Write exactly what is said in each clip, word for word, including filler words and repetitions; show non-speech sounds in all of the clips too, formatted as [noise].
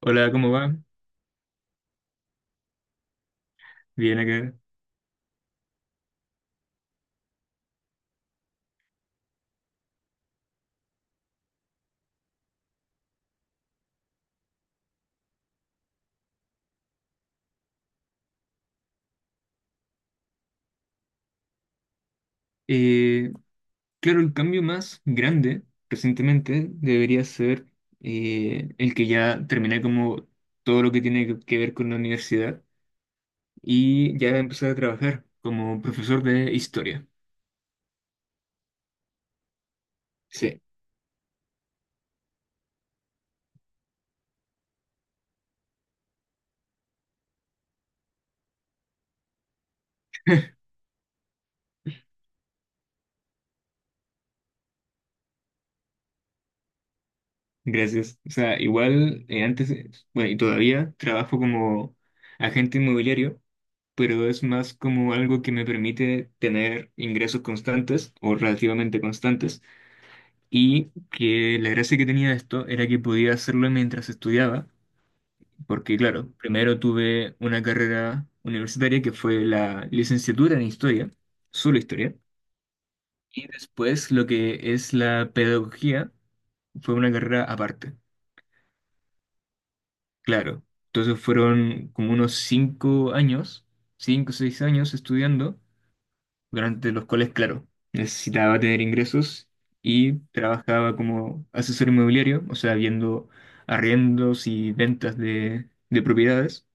Hola, ¿cómo va? Bien acá. Eh, claro, el cambio más grande recientemente debería ser eh, el que ya terminé como todo lo que tiene que que ver con la universidad y ya empecé a trabajar como profesor de historia. Sí, gracias. O sea, igual eh, antes, eh, bueno, y todavía trabajo como agente inmobiliario, pero es más como algo que me permite tener ingresos constantes o relativamente constantes. Y que la gracia que tenía esto era que podía hacerlo mientras estudiaba, porque claro, primero tuve una carrera universitaria que fue la licenciatura en historia, solo historia, y después lo que es la pedagogía fue una carrera aparte, claro. Entonces fueron como unos cinco años, cinco o seis años estudiando durante los cuales, claro, necesitaba tener ingresos y trabajaba como asesor inmobiliario, o sea, viendo arriendos y ventas de, de propiedades.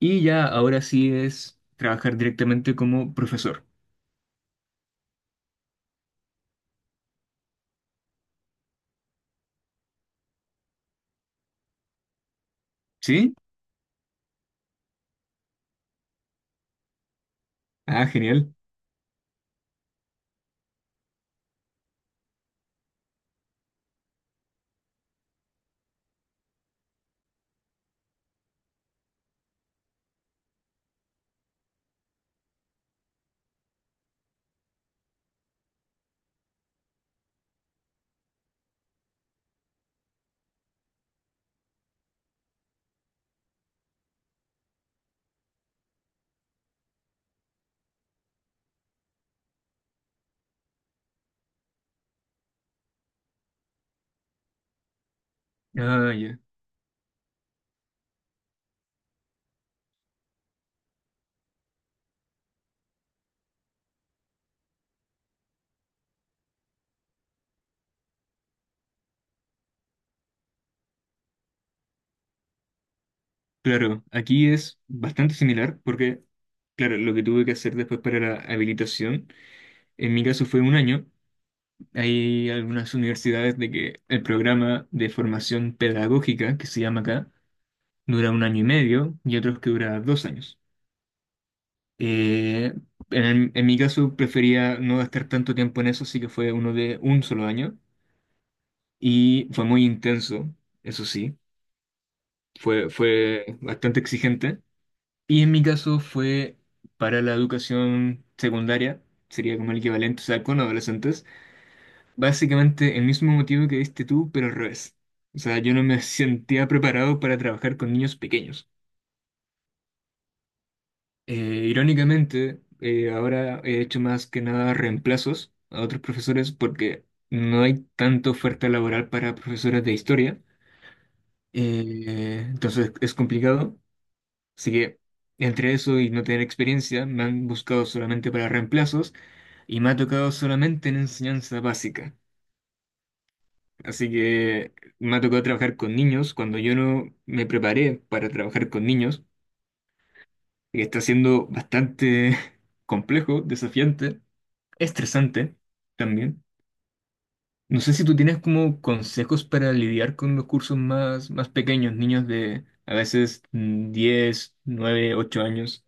Y ya ahora sí es trabajar directamente como profesor. ¿Sí? Ah, genial. Ah, ya. Claro, aquí es bastante similar porque, claro, lo que tuve que hacer después para la habilitación, en mi caso fue un año. Hay algunas universidades de que el programa de formación pedagógica, que se llama acá, dura un año y medio y otros que dura dos años. Eh, en, el- en mi caso prefería no gastar tanto tiempo en eso, así que fue uno de un solo año y fue muy intenso, eso sí, fue, fue bastante exigente. Y en mi caso fue para la educación secundaria, sería como el equivalente, o sea, con adolescentes, básicamente el mismo motivo que diste tú, pero al revés. O sea, yo no me sentía preparado para trabajar con niños pequeños. Eh, irónicamente, eh, ahora he hecho más que nada reemplazos a otros profesores porque no hay tanta oferta laboral para profesores de historia. Eh, entonces es complicado. Así que entre eso y no tener experiencia, me han buscado solamente para reemplazos y me ha tocado solamente en enseñanza básica. Así que me ha tocado trabajar con niños cuando yo no me preparé para trabajar con niños, que está siendo bastante [laughs] complejo, desafiante. Estresante también. No sé si tú tienes como consejos para lidiar con los cursos más, más pequeños, niños de a veces mm, diez, nueve, ocho años.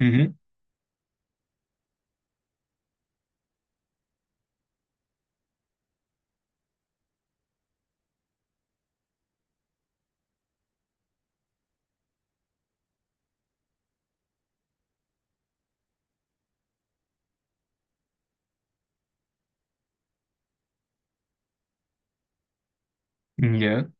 Ujú, ya,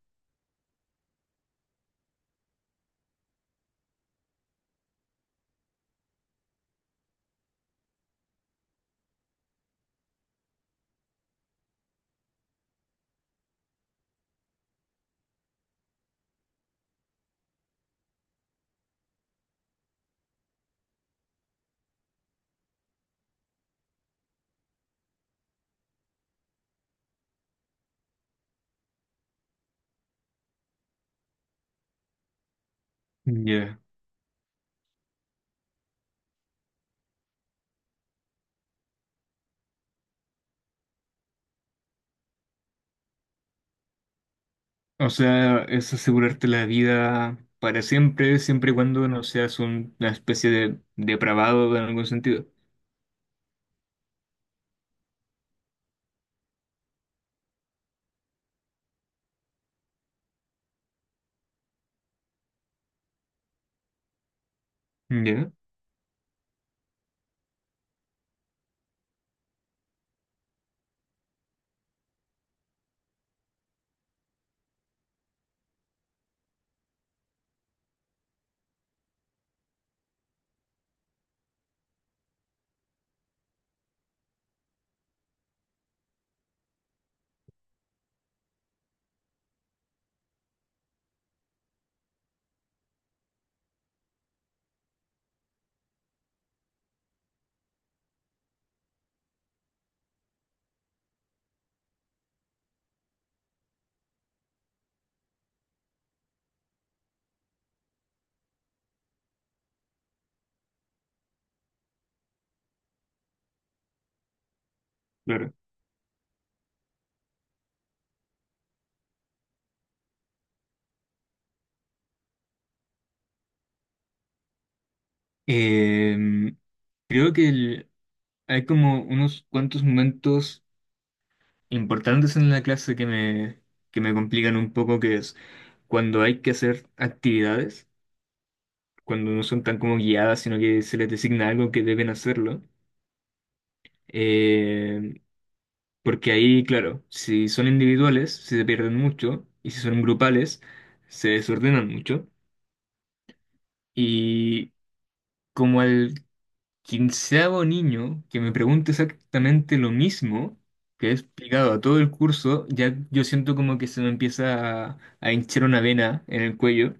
ya. O sea, es asegurarte la vida para siempre, siempre y cuando no seas un- una especie de depravado en algún sentido. Ya, claro. Em, Creo que el- hay como unos cuantos momentos importantes en la clase que me, que me complican un poco, que es cuando hay que hacer actividades, cuando no son tan como guiadas, sino que se les designa algo que deben hacerlo. Eh, Porque ahí, claro, si son individuales, se pierden mucho, y si son grupales, se desordenan mucho. Y como al quinceavo niño que me pregunte exactamente lo mismo que he explicado a todo el curso, ya yo siento como que se me empieza a, a hinchar una vena en el cuello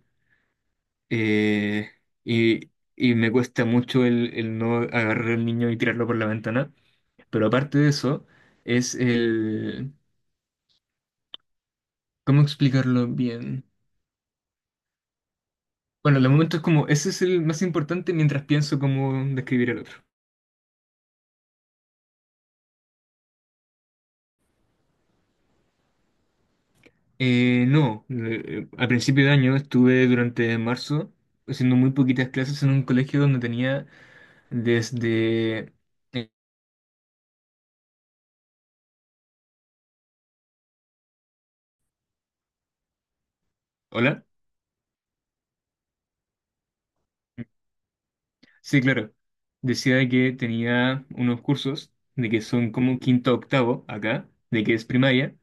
eh, y, y me cuesta mucho el, el no agarrar al niño y tirarlo por la ventana. Pero aparte de eso, es el... ¿Cómo explicarlo bien? Bueno, de momento es como, ese es el más importante mientras pienso cómo describir el otro. Eh, no, eh, al principio de año estuve durante marzo haciendo muy poquitas clases en un colegio donde tenía desde... eh, ¿Hola? Sí, claro. Decía que tenía unos cursos de que son como quinto a octavo acá, de que es primaria,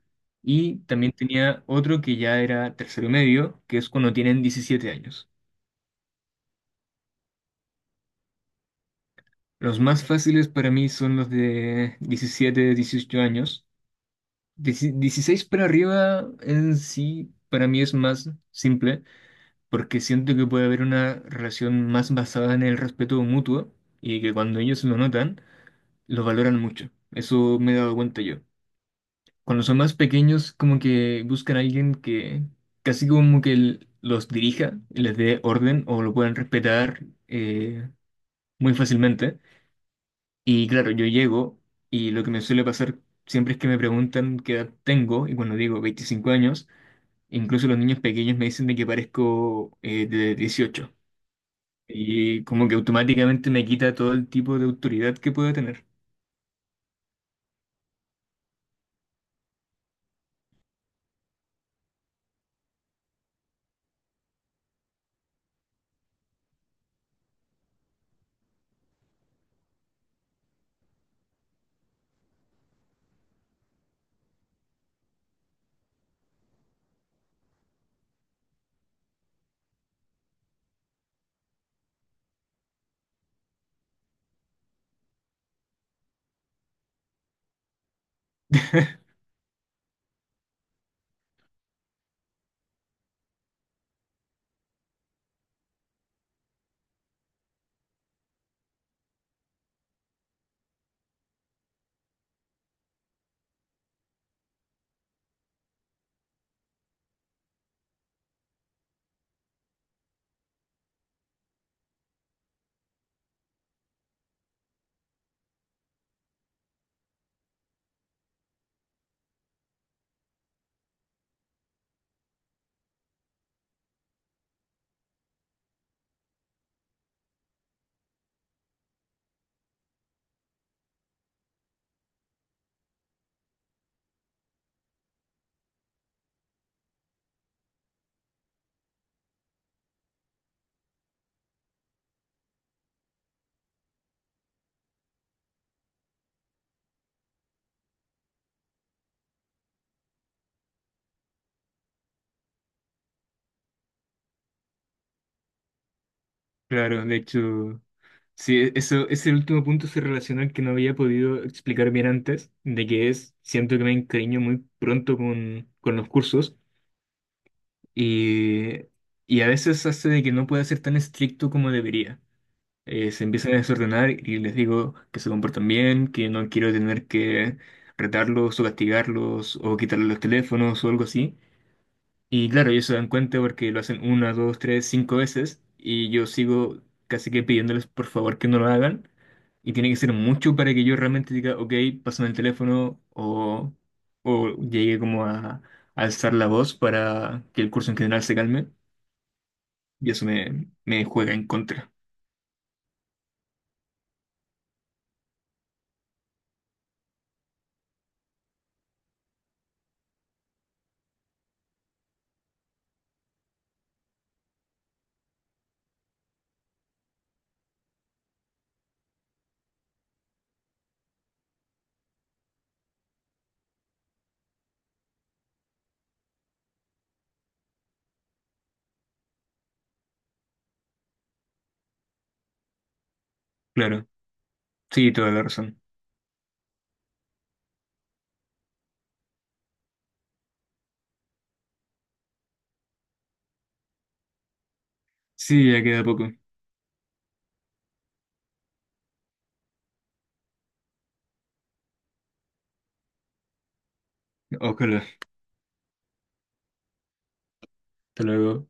y también tenía otro que ya era tercero medio, que es cuando tienen diecisiete años. Los más fáciles para mí son los de diecisiete dieciocho años. Dieci- dieciséis para arriba en sí para mí es más simple porque siento que puede haber una relación más basada en el respeto mutuo y que cuando ellos lo notan, lo valoran mucho. Eso me he dado cuenta yo. Cuando son más pequeños, como que buscan a alguien que casi como que l- los dirija, les dé orden o lo puedan respetar eh, muy fácilmente. Y claro, yo llego y lo que me suele pasar siempre es que me preguntan qué edad tengo y cuando digo veinticinco años, incluso los niños pequeños me dicen de que parezco eh, de dieciocho. Y como que automáticamente me quita todo el tipo de autoridad que pueda tener. [laughs] Claro, de hecho, sí, e-, eso, ese último punto se relaciona al que no había podido explicar bien antes, de que es, siento que me encariño muy pronto con, con los cursos y, y a veces hace de que no pueda ser tan estricto como debería. Eh, se empiezan a desordenar y les digo que se comportan bien, que no quiero tener que retarlos o castigarlos o quitarles los teléfonos o algo así. Y claro, ellos se dan cuenta porque lo hacen una, dos, tres, cinco veces y yo sigo casi que pidiéndoles por favor que no lo hagan. Y tiene que ser mucho para que yo realmente diga, ok, pásame el teléfono o, o llegue como a, a alzar la voz para que el curso en general se calme. Y eso me, me juega en contra. Claro, sí, toda la razón. Sí, ya queda poco. Ojalá. Hasta luego.